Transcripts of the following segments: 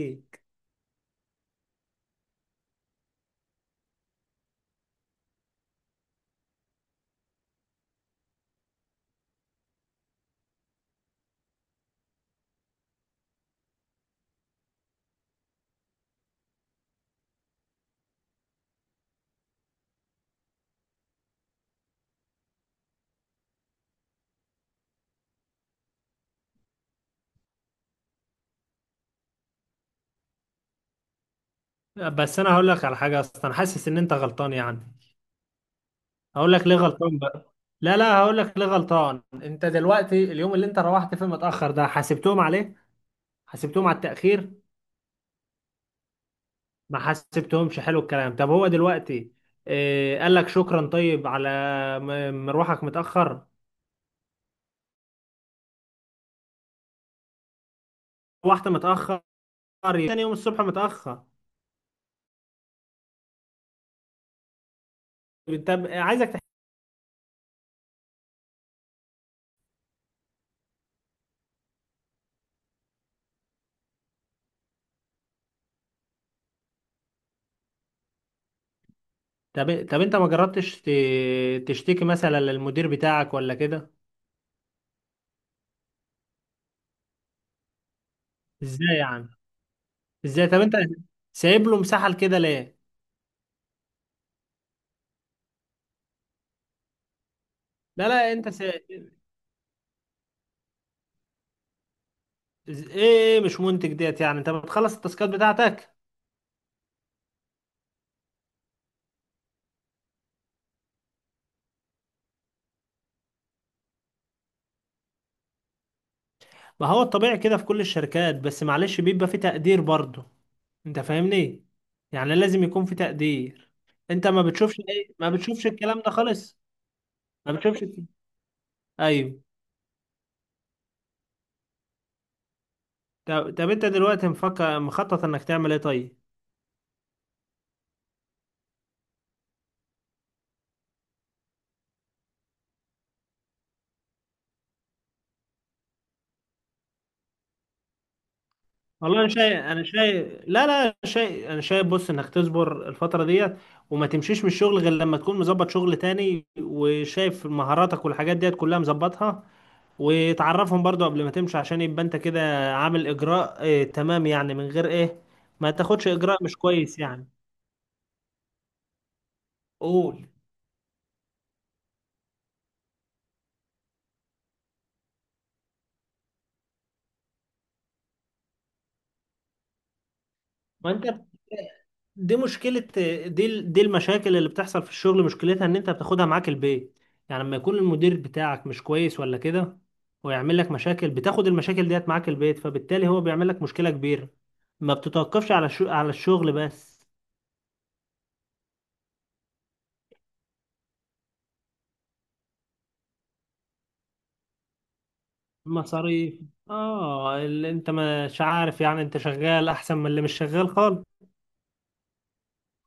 فيك. بس انا هقول لك على حاجه، اصلا أنا حاسس ان انت غلطان يعني. هقول لك ليه غلطان بقى. لا، هقول لك ليه غلطان. انت دلوقتي اليوم اللي انت روحت فيه متاخر ده، حاسبتهم عليه؟ حاسبتهم على التاخير؟ ما حاسبتهمش؟ حلو الكلام. طب هو دلوقتي إيه، قال لك شكرا طيب على مروحك متاخر؟ روحت متاخر تاني يوم الصبح متاخر؟ طب عايزك تح... طب انت ما جربتش تشتكي مثلا للمدير بتاعك ولا كده؟ ازاي يعني؟ ازاي طب انت سايب له مساحه كده ليه؟ لا لا انت سا... ايه؟ ايه، مش منتج ديت، يعني انت بتخلص التاسكات بتاعتك؟ ما هو الطبيعي كده في كل الشركات، بس معلش بيبقى في تقدير برضه. انت فاهمني؟ يعني لازم يكون في تقدير. انت ما بتشوفش ايه؟ ما بتشوفش الكلام ده خالص؟ ما بتشوفش ايوه. طب، انت دلوقتي مفكر مخطط انك تعمل ايه طيب؟ والله انا شايف، انا شايف لا لا شايف انا شايف بص، انك تصبر الفتره ديت وما تمشيش من الشغل غير لما تكون مظبط شغل تاني، وشايف مهاراتك والحاجات ديت كلها مظبطها، وتعرفهم برضو قبل ما تمشي عشان يبقى انت كده عامل اجراء. اه تمام، يعني من غير ايه، ما تاخدش اجراء مش كويس يعني. قول. ما انت بت- دي مشكلة. دي دي المشاكل اللي بتحصل في الشغل، مشكلتها ان انت بتاخدها معاك البيت. يعني لما يكون المدير بتاعك مش كويس ولا كده، ويعمل لك مشاكل، بتاخد المشاكل ديت معاك البيت، فبالتالي هو بيعمل لك مشكلة كبيرة ما بتتوقفش على الشو... على الشغل بس. مصاريف. اه، اللي انت مش عارف يعني. انت شغال احسن من اللي مش شغال خالص.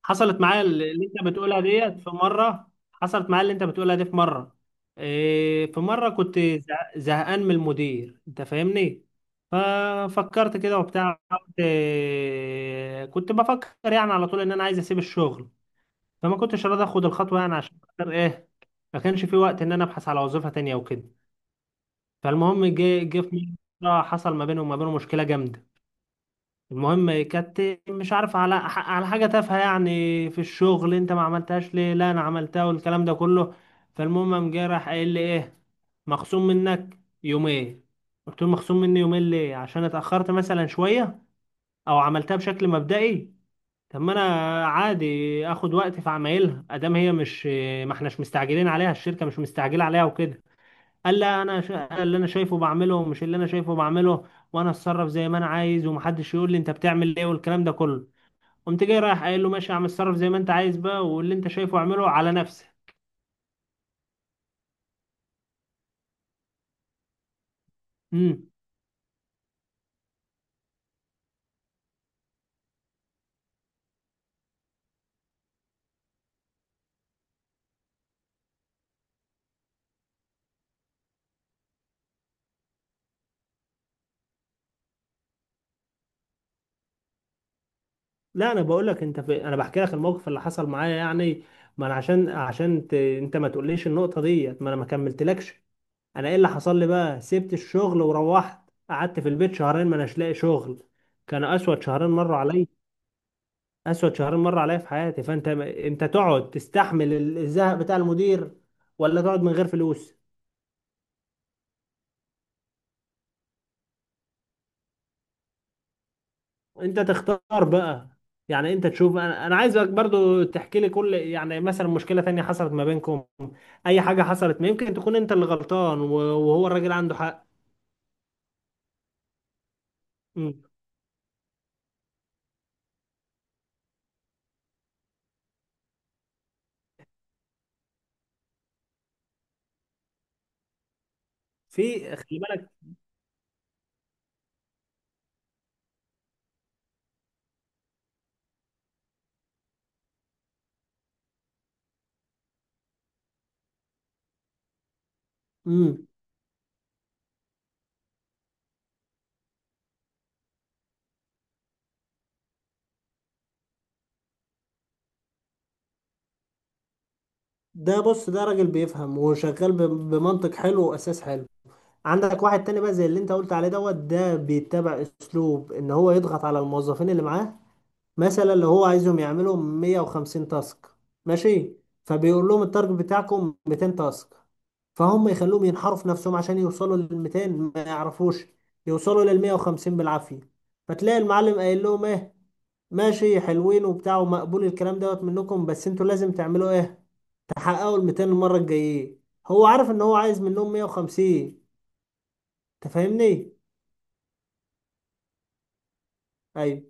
حصلت معايا اللي انت بتقولها ديت في مره. حصلت معايا اللي انت بتقولها دي في مره. إيه، في مره كنت زهقان من المدير. انت فاهمني؟ ففكرت كده وبتاع، قلت إيه، كنت بفكر يعني على طول ان انا عايز اسيب الشغل. فما كنتش راضي اخد الخطوه، يعني عشان خاطر ايه، ما كانش في وقت ان انا ابحث على وظيفه تانية وكده. فالمهم جه في مره حصل ما بيني وما بينه مشكله جامده. المهم كانت، مش عارف، على على حاجة تافهة يعني في الشغل، انت ما عملتهاش ليه، لا انا عملتها، والكلام ده كله. فالمهم قام جاي راح قايل لي ايه، مخصوم منك يومين. قلت له مخصوم مني يومين ليه؟ عشان اتأخرت مثلا شوية او عملتها بشكل مبدئي؟ طب ما انا عادي اخد وقت في عمايلها، ادام هي مش، ما احناش مستعجلين عليها، الشركة مش مستعجلة عليها وكده. قال لا، انا شا... اللي انا شايفه بعمله، مش اللي انا شايفه بعمله، وانا اتصرف زي ما انا عايز، ومحدش يقول لي انت بتعمل ايه، والكلام ده كله. قمت جاي رايح قايل له، ماشي يا عم، اتصرف زي ما انت عايز بقى، واللي انت شايفه اعمله على نفسك. امم. لا انا بقول لك انت في... انا بحكي لك الموقف اللي حصل معايا يعني. ما انا عشان انت ما تقوليش النقطه ديت، ما انا ما كملتلكش. انا ايه اللي حصل لي بقى، سبت الشغل وروحت قعدت في البيت شهرين ما اناش لاقي شغل. كان اسود شهرين مروا عليا. اسود شهرين مر عليا في حياتي. فانت تقعد تستحمل الزهق بتاع المدير، ولا تقعد من غير فلوس؟ انت تختار بقى. يعني انت تشوف. انا عايزك برضو تحكي لي كل، يعني مثلا مشكلة تانية حصلت ما بينكم، اي حاجة حصلت، ما يمكن تكون انت اللي غلطان وهو الراجل عنده حق. مم. في، خلي بالك. مم. ده بص، ده راجل بيفهم وشغال بمنطق حلو واساس حلو. عندك واحد تاني بقى زي اللي انت قلت عليه دوت، ده بيتبع اسلوب ان هو يضغط على الموظفين اللي معاه. مثلا لو هو عايزهم يعملوا 150 تاسك، ماشي، فبيقول لهم التارجت بتاعكم 200 تاسك، فهم يخلوهم ينحروا في نفسهم عشان يوصلوا لل 200، ما يعرفوش يوصلوا لل 150 بالعافية. فتلاقي المعلم قايل لهم ايه، ماشي حلوين وبتاع، ومقبول الكلام دوت منكم، بس انتوا لازم تعملوا ايه، تحققوا ال 200 المرة الجاية. هو عارف ان هو عايز منهم 150. انت فاهمني؟ ايوه.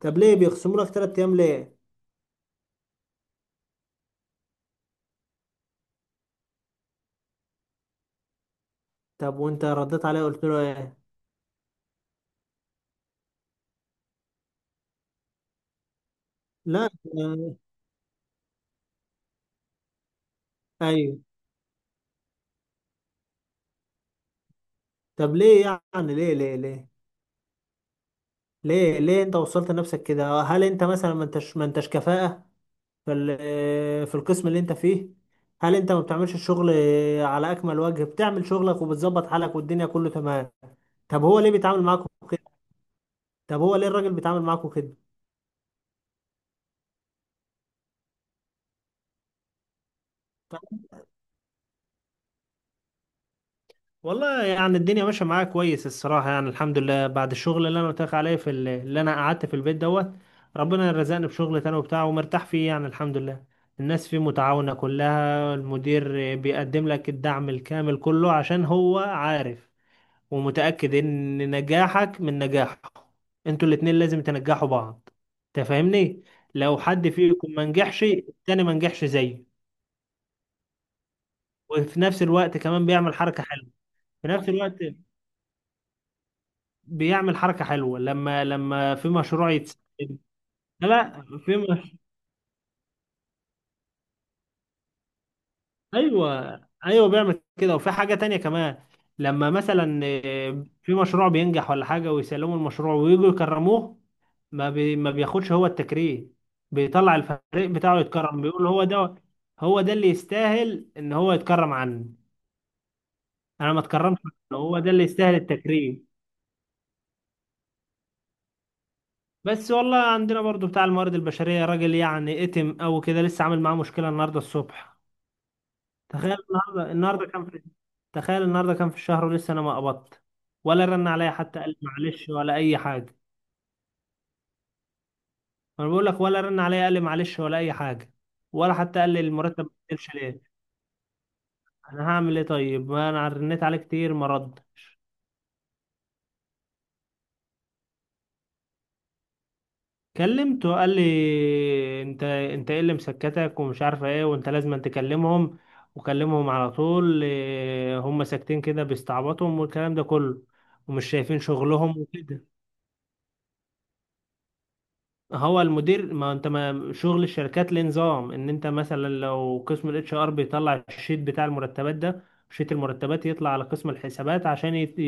طب ليه بيخصموا لك 3 ايام ليه؟ طب وانت رديت عليه قلت له ايه؟ لا. ايوه. طب ليه يعني؟ ليه انت وصلت نفسك كده؟ هل انت مثلا ما انتش كفاءة في في القسم اللي انت فيه؟ هل انت ما بتعملش الشغل على اكمل وجه؟ بتعمل شغلك وبتظبط حالك والدنيا كله تمام؟ طب هو ليه بيتعامل معاكم كده؟ طب هو ليه الراجل بيتعامل معاكم كده؟ والله يعني الدنيا ماشيه معايا كويس الصراحه، يعني الحمد لله. بعد الشغل اللي انا قلت لك عليه في اللي انا قعدت في البيت دوت، ربنا رزقني بشغل تاني وبتاع، ومرتاح فيه يعني الحمد لله. الناس فيه متعاونه كلها. المدير بيقدم لك الدعم الكامل كله، عشان هو عارف ومتاكد ان نجاحك من نجاحه. انتوا الاتنين لازم تنجحوا بعض، تفهمني؟ لو حد فيكم ما نجحش، التاني ما نجحش زيه. وفي نفس الوقت كمان بيعمل حركه حلوه. في نفس الوقت بيعمل حركة حلوة لما في مشروع يتسجل. لا لا، في مش... ايوه. ايوه بيعمل كده. وفي حاجة تانية كمان، لما مثلا آه، في مشروع بينجح ولا حاجة، ويسلموا المشروع ويجوا يكرموه، ما بي... ما بياخدش هو التكريم، بيطلع الفريق بتاعه يتكرم، بيقول هو ده، هو ده اللي يستاهل ان هو يتكرم عني. انا ما اتكرمش عنه، هو ده اللي يستاهل التكريم. بس والله عندنا برضو بتاع الموارد البشرية راجل يعني اتم او كده، لسه عامل معاه مشكلة النهاردة الصبح. تخيل النهارده، النهارده كان في تخيل النهارده كان في الشهر ولسه انا ما قبضت، ولا رن عليا حتى قال لي معلش ولا اي حاجه. انا بقول لك، ولا رن عليا قال لي معلش ولا اي حاجه، ولا حتى قال لي المرتب ما بيتقبلش ليه. انا هعمل ايه طيب؟ ما انا رنيت عليه كتير، ما ردش. كلمته قال لي، انت ايه اللي مسكتك ومش عارفه ايه، وانت لازم تكلمهم، وكلمهم على طول. إيه، هم ساكتين كده بيستعبطهم، والكلام ده كله، ومش شايفين شغلهم وكده. هو المدير، ما انت ما شغل الشركات ليه نظام، ان انت مثلا لو قسم الاتش ار بيطلع الشيت بتاع المرتبات ده، شيت المرتبات يطلع على قسم الحسابات عشان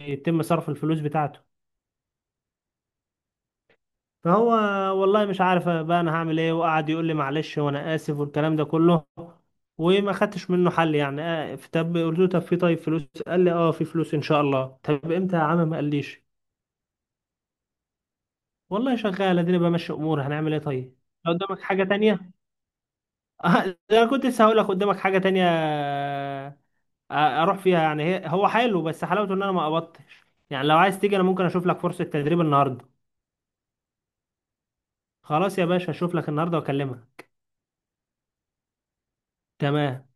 يتم صرف الفلوس بتاعته. فهو، والله مش عارف بقى انا هعمل ايه، وقعد يقول لي معلش وانا اسف والكلام ده كله. وما خدتش منه حل يعني. آه، طب قلت له طب في طيب فلوس، قال لي اه في فلوس ان شاء الله. طب امتى يا عم؟ ما قاليش. والله شغال، اديني بمشي اموري، هنعمل ايه طيب؟ لو قدامك حاجة تانية، آه، انا كنت لسه هقول لك قدامك حاجه تانية اروح فيها يعني. هي هو حلو، بس حلاوته ان انا ما قبضتش يعني. لو عايز تيجي، انا ممكن اشوف لك فرصه تدريب النهارده. خلاص يا باشا، اشوف لك النهارده واكلمها. تمام.